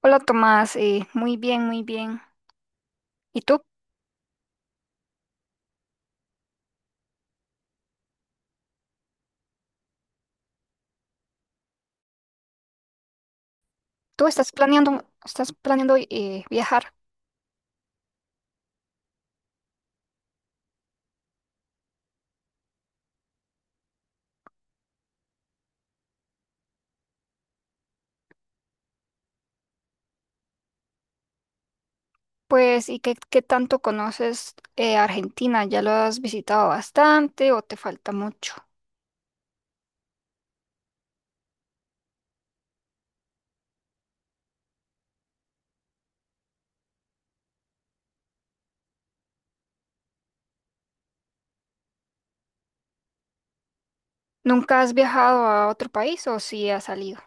Hola Tomás, muy bien, muy bien. ¿Y tú? ¿Tú estás planeando, estás planeando viajar? Pues, ¿y qué tanto conoces Argentina? ¿Ya lo has visitado bastante o te falta mucho? ¿Nunca has viajado a otro país o sí has salido?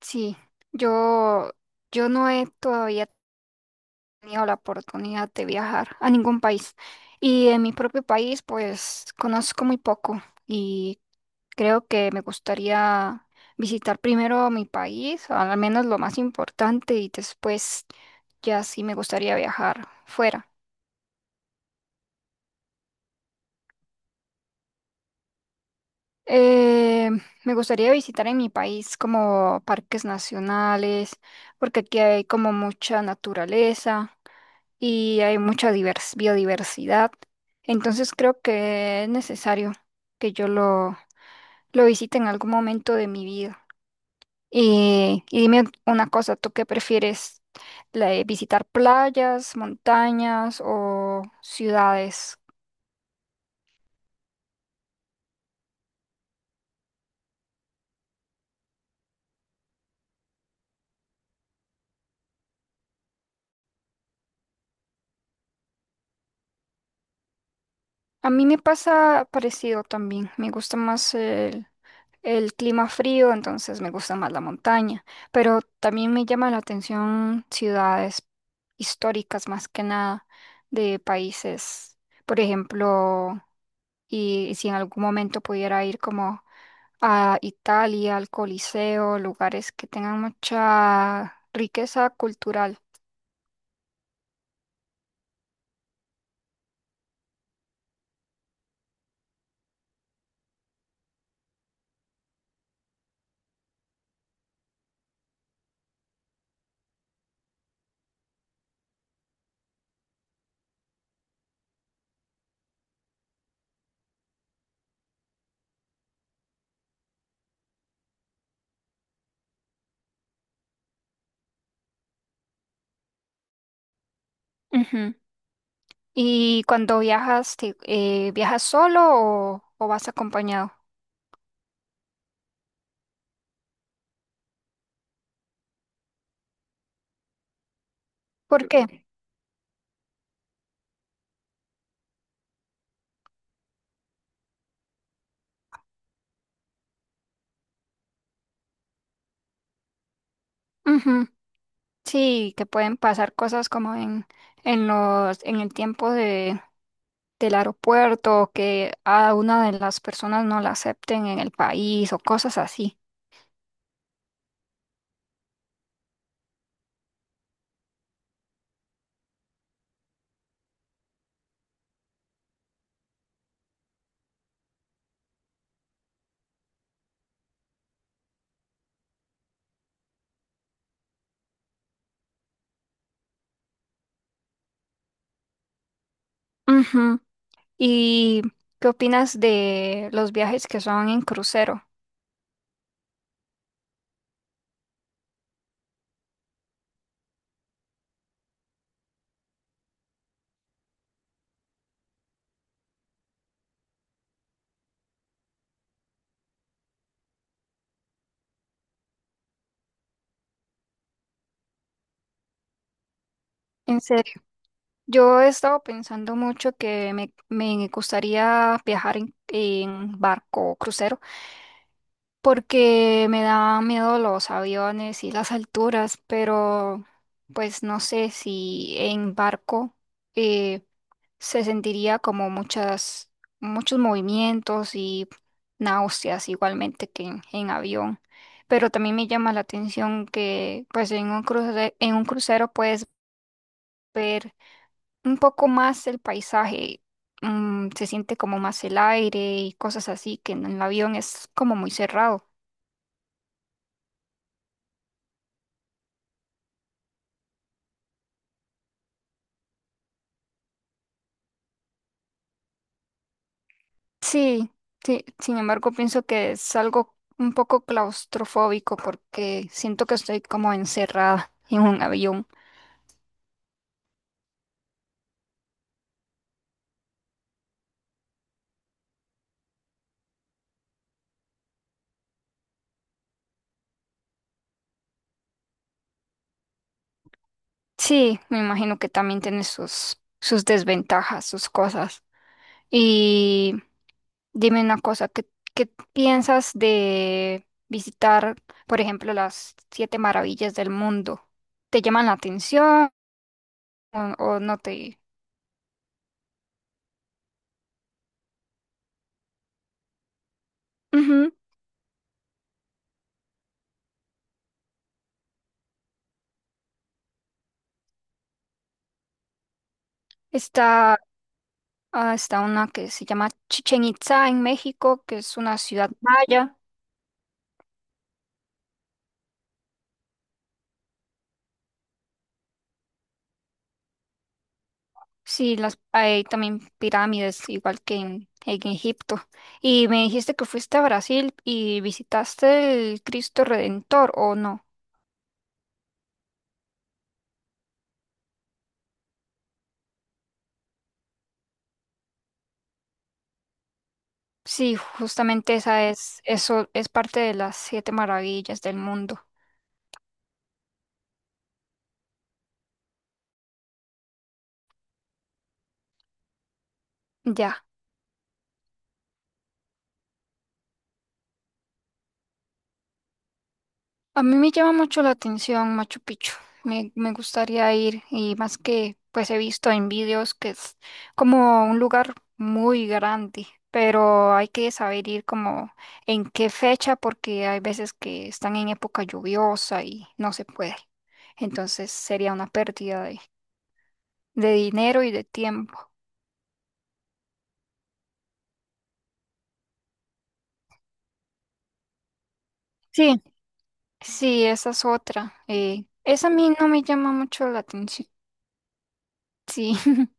Sí, yo, yo no he todavía tenido la oportunidad de viajar a ningún país. Y en mi propio país, pues, conozco muy poco. ¿Y Creo que me gustaría visitar primero mi país, al menos lo más importante, y después ya sí me gustaría viajar fuera. Eh, me gustaría visitar en mi país como parques nacionales, porque aquí hay como mucha naturaleza y hay biodiversidad. Entonces creo que es necesario que lo visite en algún momento de mi vida. Y dime una cosa, ¿tú qué prefieres? ¿La de visitar playas, montañas o ciudades? A mí me pasa parecido también. Me gusta más el clima frío, entonces me gusta más la montaña. Pero también me llama la atención ciudades históricas más que nada de países. Por ejemplo, y si en algún momento pudiera ir como a Italia, al Coliseo, lugares que tengan mucha riqueza cultural. Ujú. ¿Y cuando viajas, viajas solo o vas acompañado? ¿Por qué? Ujú. Sí, que pueden pasar cosas en en el tiempo del aeropuerto, que a una de las personas no la acepten en el país o cosas así. Ujú. ¿Y qué opinas de los viajes que son en crucero? ¿En serio? Yo he estado pensando mucho que me gustaría viajar en barco o crucero porque me da miedo los aviones y las alturas, pero pues no sé si en barco eh, se sentiría como muchos movimientos y náuseas igualmente que en avión. Pero también me llama la atención que pues en un en un crucero puedes ver un poco más el paisaje, se siente como más el aire y cosas así, que en el avión es como muy cerrado. Sí, sí, sin embargo, pienso que es algo un poco claustrofóbico porque siento que estoy como encerrada en un avión. Sí, me imagino que también tiene sus desventajas, sus cosas. Y Dime una cosa, ¿qué piensas de visitar, por ejemplo, las siete maravillas del mundo? ¿Te llaman la atención o no te...? Ujú. Está, está una que se llama Chichen Itza en México, que es una ciudad maya. Sí, las, hay también pirámides, igual que en Egipto. Y me dijiste que fuiste a Brasil y visitaste el Cristo Redentor, ¿o no? Sí, justamente esa eso es parte de las siete maravillas del mundo. Ya. A mí me llama mucho la atención Machu Picchu. Me gustaría ir, y más que pues he visto en vídeos que es como un lugar muy grande, pero hay que saber ir como en qué fecha porque hay veces que están en época lluviosa y no se puede. Entonces sería una pérdida de dinero y de tiempo. Sí, sí, esa es otra. Esa a mí no me llama mucho la atención. Sí.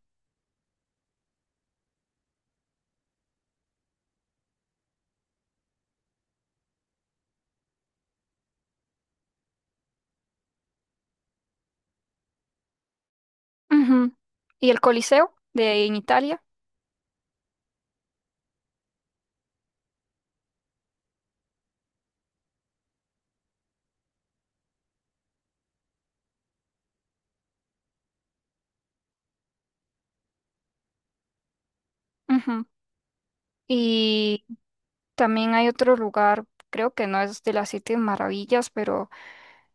Ujú. Y el Coliseo de en Italia. Ujú. Y también hay otro lugar, creo que no es de las siete maravillas, pero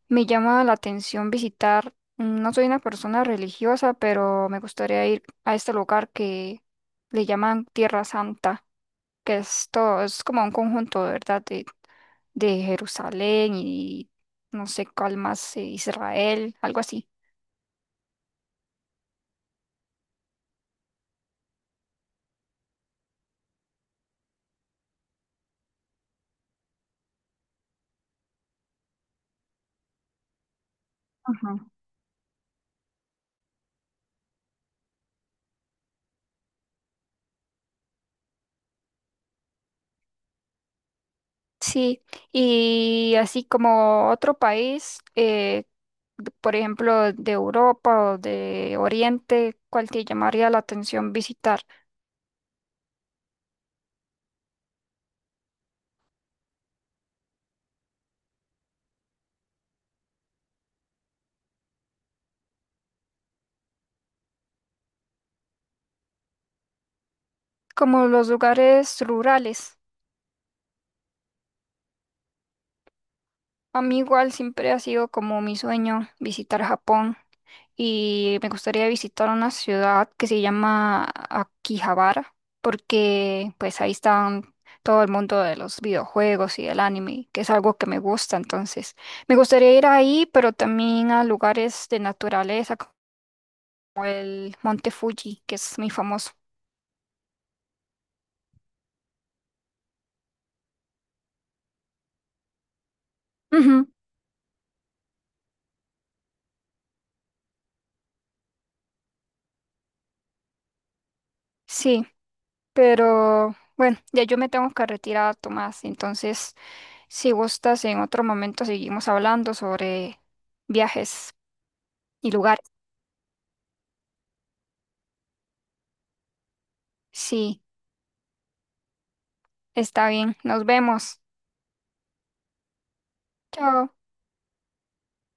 me llama la atención visitar. No soy una persona religiosa, pero me gustaría ir a este lugar que le llaman Tierra Santa, que es todo, es como un conjunto, ¿verdad? De Jerusalén y no sé cuál más, Israel, algo así. Ajá. Sí, y así como otro país, por ejemplo, de Europa o de Oriente, ¿cuál te llamaría la atención visitar? Como los lugares rurales. A mí igual siempre ha sido como mi sueño visitar Japón. Y me gustaría visitar una ciudad que se llama Akihabara, porque pues ahí están todo el mundo de los videojuegos y del anime, que es algo que me gusta, entonces me gustaría ir ahí, pero también a lugares de naturaleza como el Monte Fuji, que es muy famoso. Ujú, sí, pero bueno, ya yo me tengo que retirar, Tomás, entonces si gustas en otro momento seguimos hablando sobre viajes y lugares. Sí. Está bien, nos vemos. Chao.